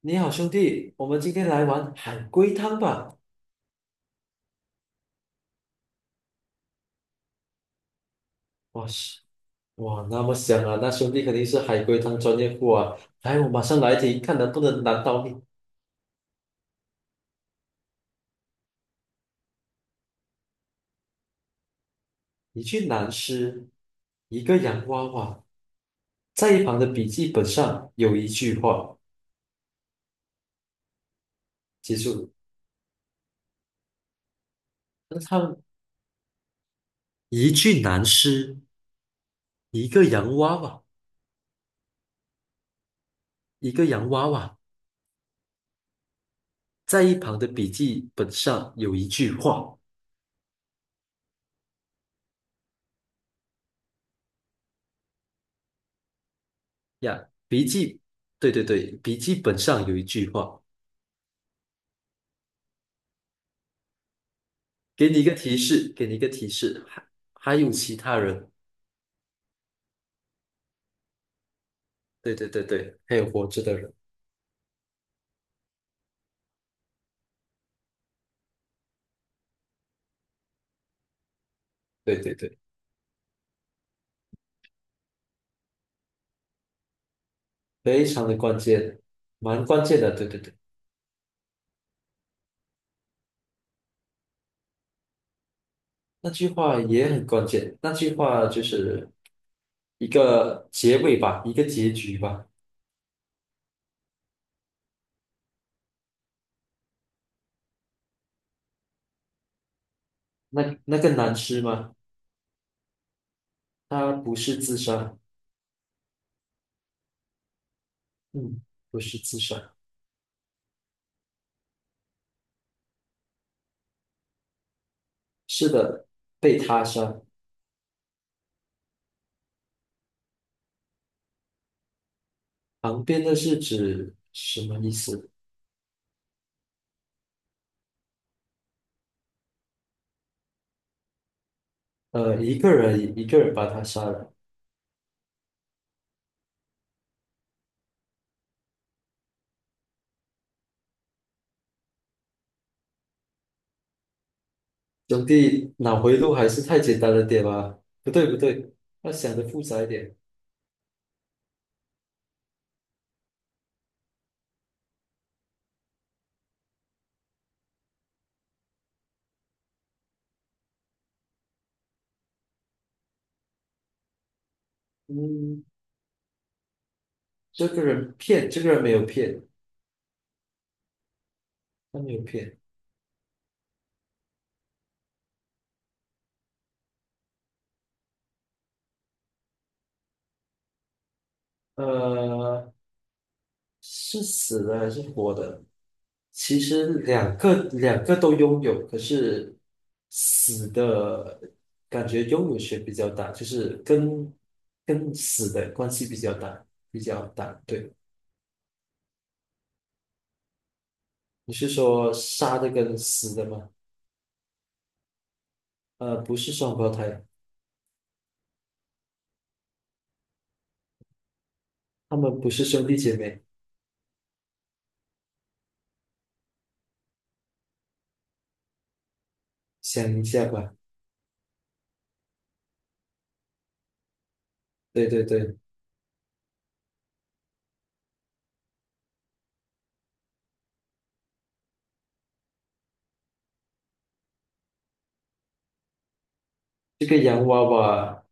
你好，兄弟，我们今天来玩海龟汤吧。哇塞，哇，那么香啊！那兄弟肯定是海龟汤专业户啊。来，我马上来听，看能不能难倒你。一句男诗，一个洋娃娃，在一旁的笔记本上有一句话，记住了。那他一句男诗，一个洋娃娃，一个洋娃娃，在一旁的笔记本上有一句话呀，笔记，对对对，笔记本上有一句话。给你一个提示，还有其他人，对对对对，还有活着的人，对对对，非常的关键，蛮关键的，对对对，那句话也很关键，那句话就是一个结尾吧，一个结局吧。那那个男尸吗？他不是自杀，嗯，不是自杀，是的，被他杀。旁边的是指什么意思？一个人把他杀了。兄弟，脑回路还是太简单了点吧？不对不对，要想的复杂一点。嗯，这个人骗，这个人没有骗，他没有骗。呃，是死的还是活的？其实两个都拥有，可是死的感觉拥有权比较大，就是跟死的关系比较大，比较大。对，你是说杀的跟死的吗？不是双胞胎，他们不是兄弟姐妹。想一下吧。对对对，这个洋娃娃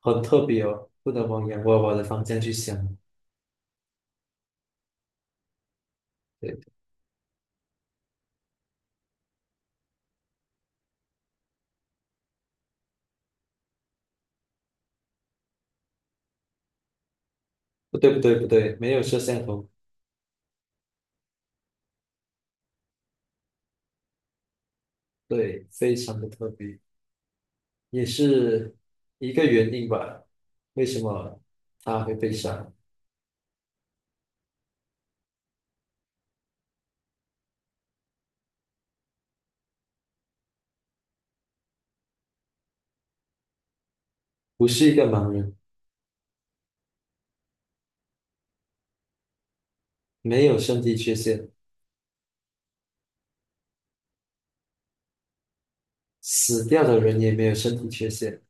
很特别哦，不能往洋娃娃的方向去想。对，不对不对不对，没有摄像头。对，非常的特别，也是一个原因吧。为什么他会被杀？不是一个盲人，没有身体缺陷，死掉的人也没有身体缺陷，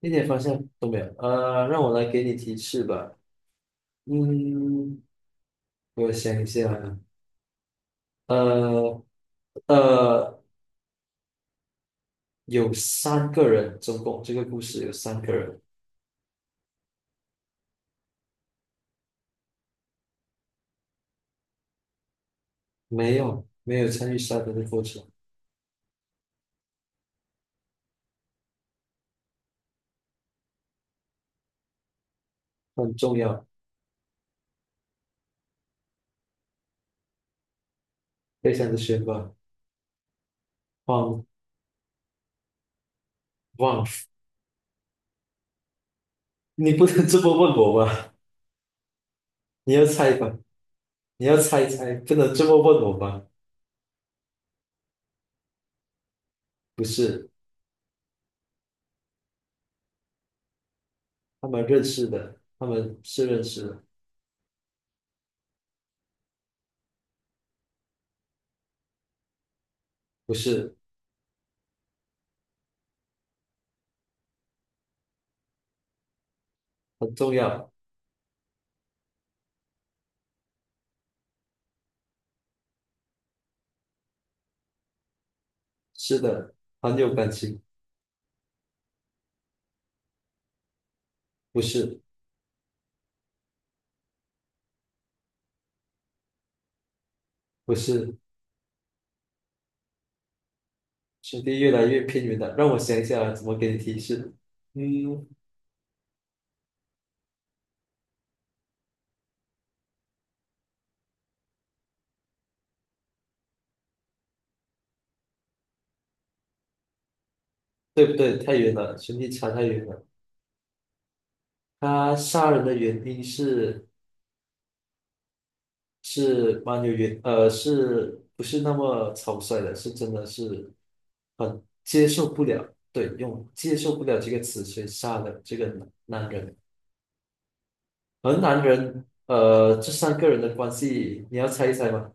一点方向都没有。让我来给你提示吧。嗯，我想一下啊呃呃。有三个人，总共这个故事有三个人没有参与杀人的过程，很重要，非常的悬吧？忘忘，你不能这么问我吧？你要猜吧？你要猜猜，不能这么问我吧？不是，他们是认识的，不是很重要，是的，很有感情，不是，不是，兄弟越来越偏远了，让我想一下怎么给你提示，嗯，对不对？太远了，兄弟差太远了。他杀人的原因是是蛮有原呃，是不是那么草率的？是真的是很接受不了，对，用接受不了这个词去杀了这个男人。而男人，这三个人的关系，你要猜一猜吗？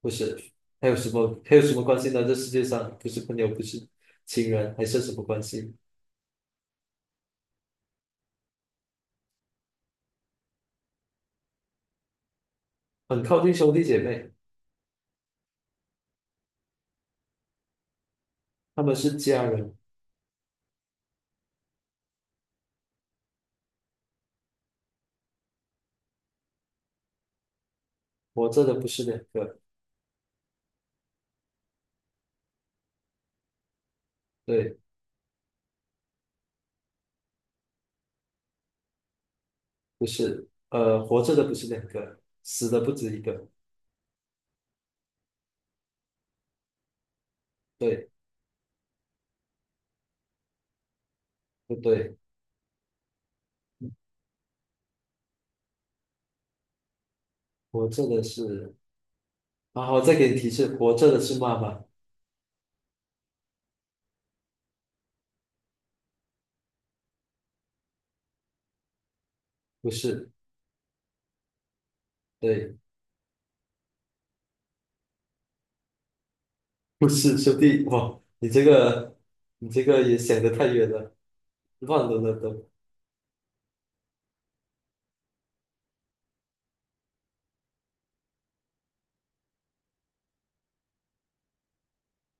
不是，还有什么关系呢？这世界上不是朋友，不是情人，还是什么关系？很靠近兄弟姐妹，他们是家人，活着的不是两个。对。不是，活着的不是两个，死的不止一个。对，不对？活着的是，然后再给你提示，活着的是妈妈，不是，对，不是兄弟。哇，你这个，你这个也想得太远了，乱伦了都。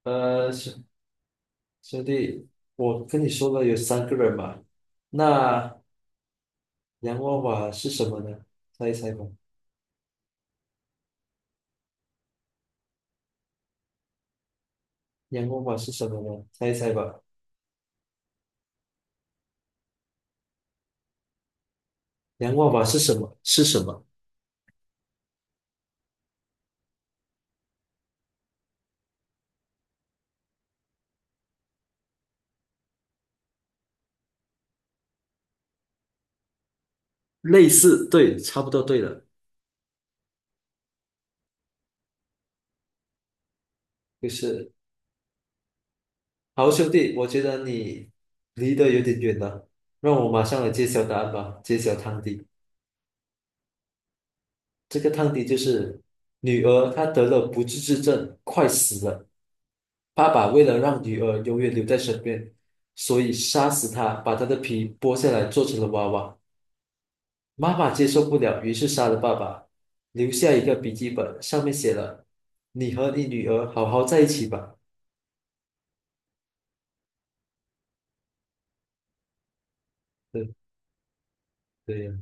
呃，兄兄弟，我跟你说了有三个人嘛，那洋娃娃是什么呢？猜一猜吧。洋娃娃是什么呢？猜一猜吧。洋娃娃是什么？是什么？类似，对，差不多对了，就是。好，兄弟，我觉得你离得有点远了，让我马上来揭晓答案吧，揭晓汤底。这个汤底就是女儿她得了不治之症，快死了。爸爸为了让女儿永远留在身边，所以杀死她，把她的皮剥下来做成了娃娃。妈妈接受不了，于是杀了爸爸，留下一个笔记本，上面写了：“你和你女儿好好在一起吧。”对对呀、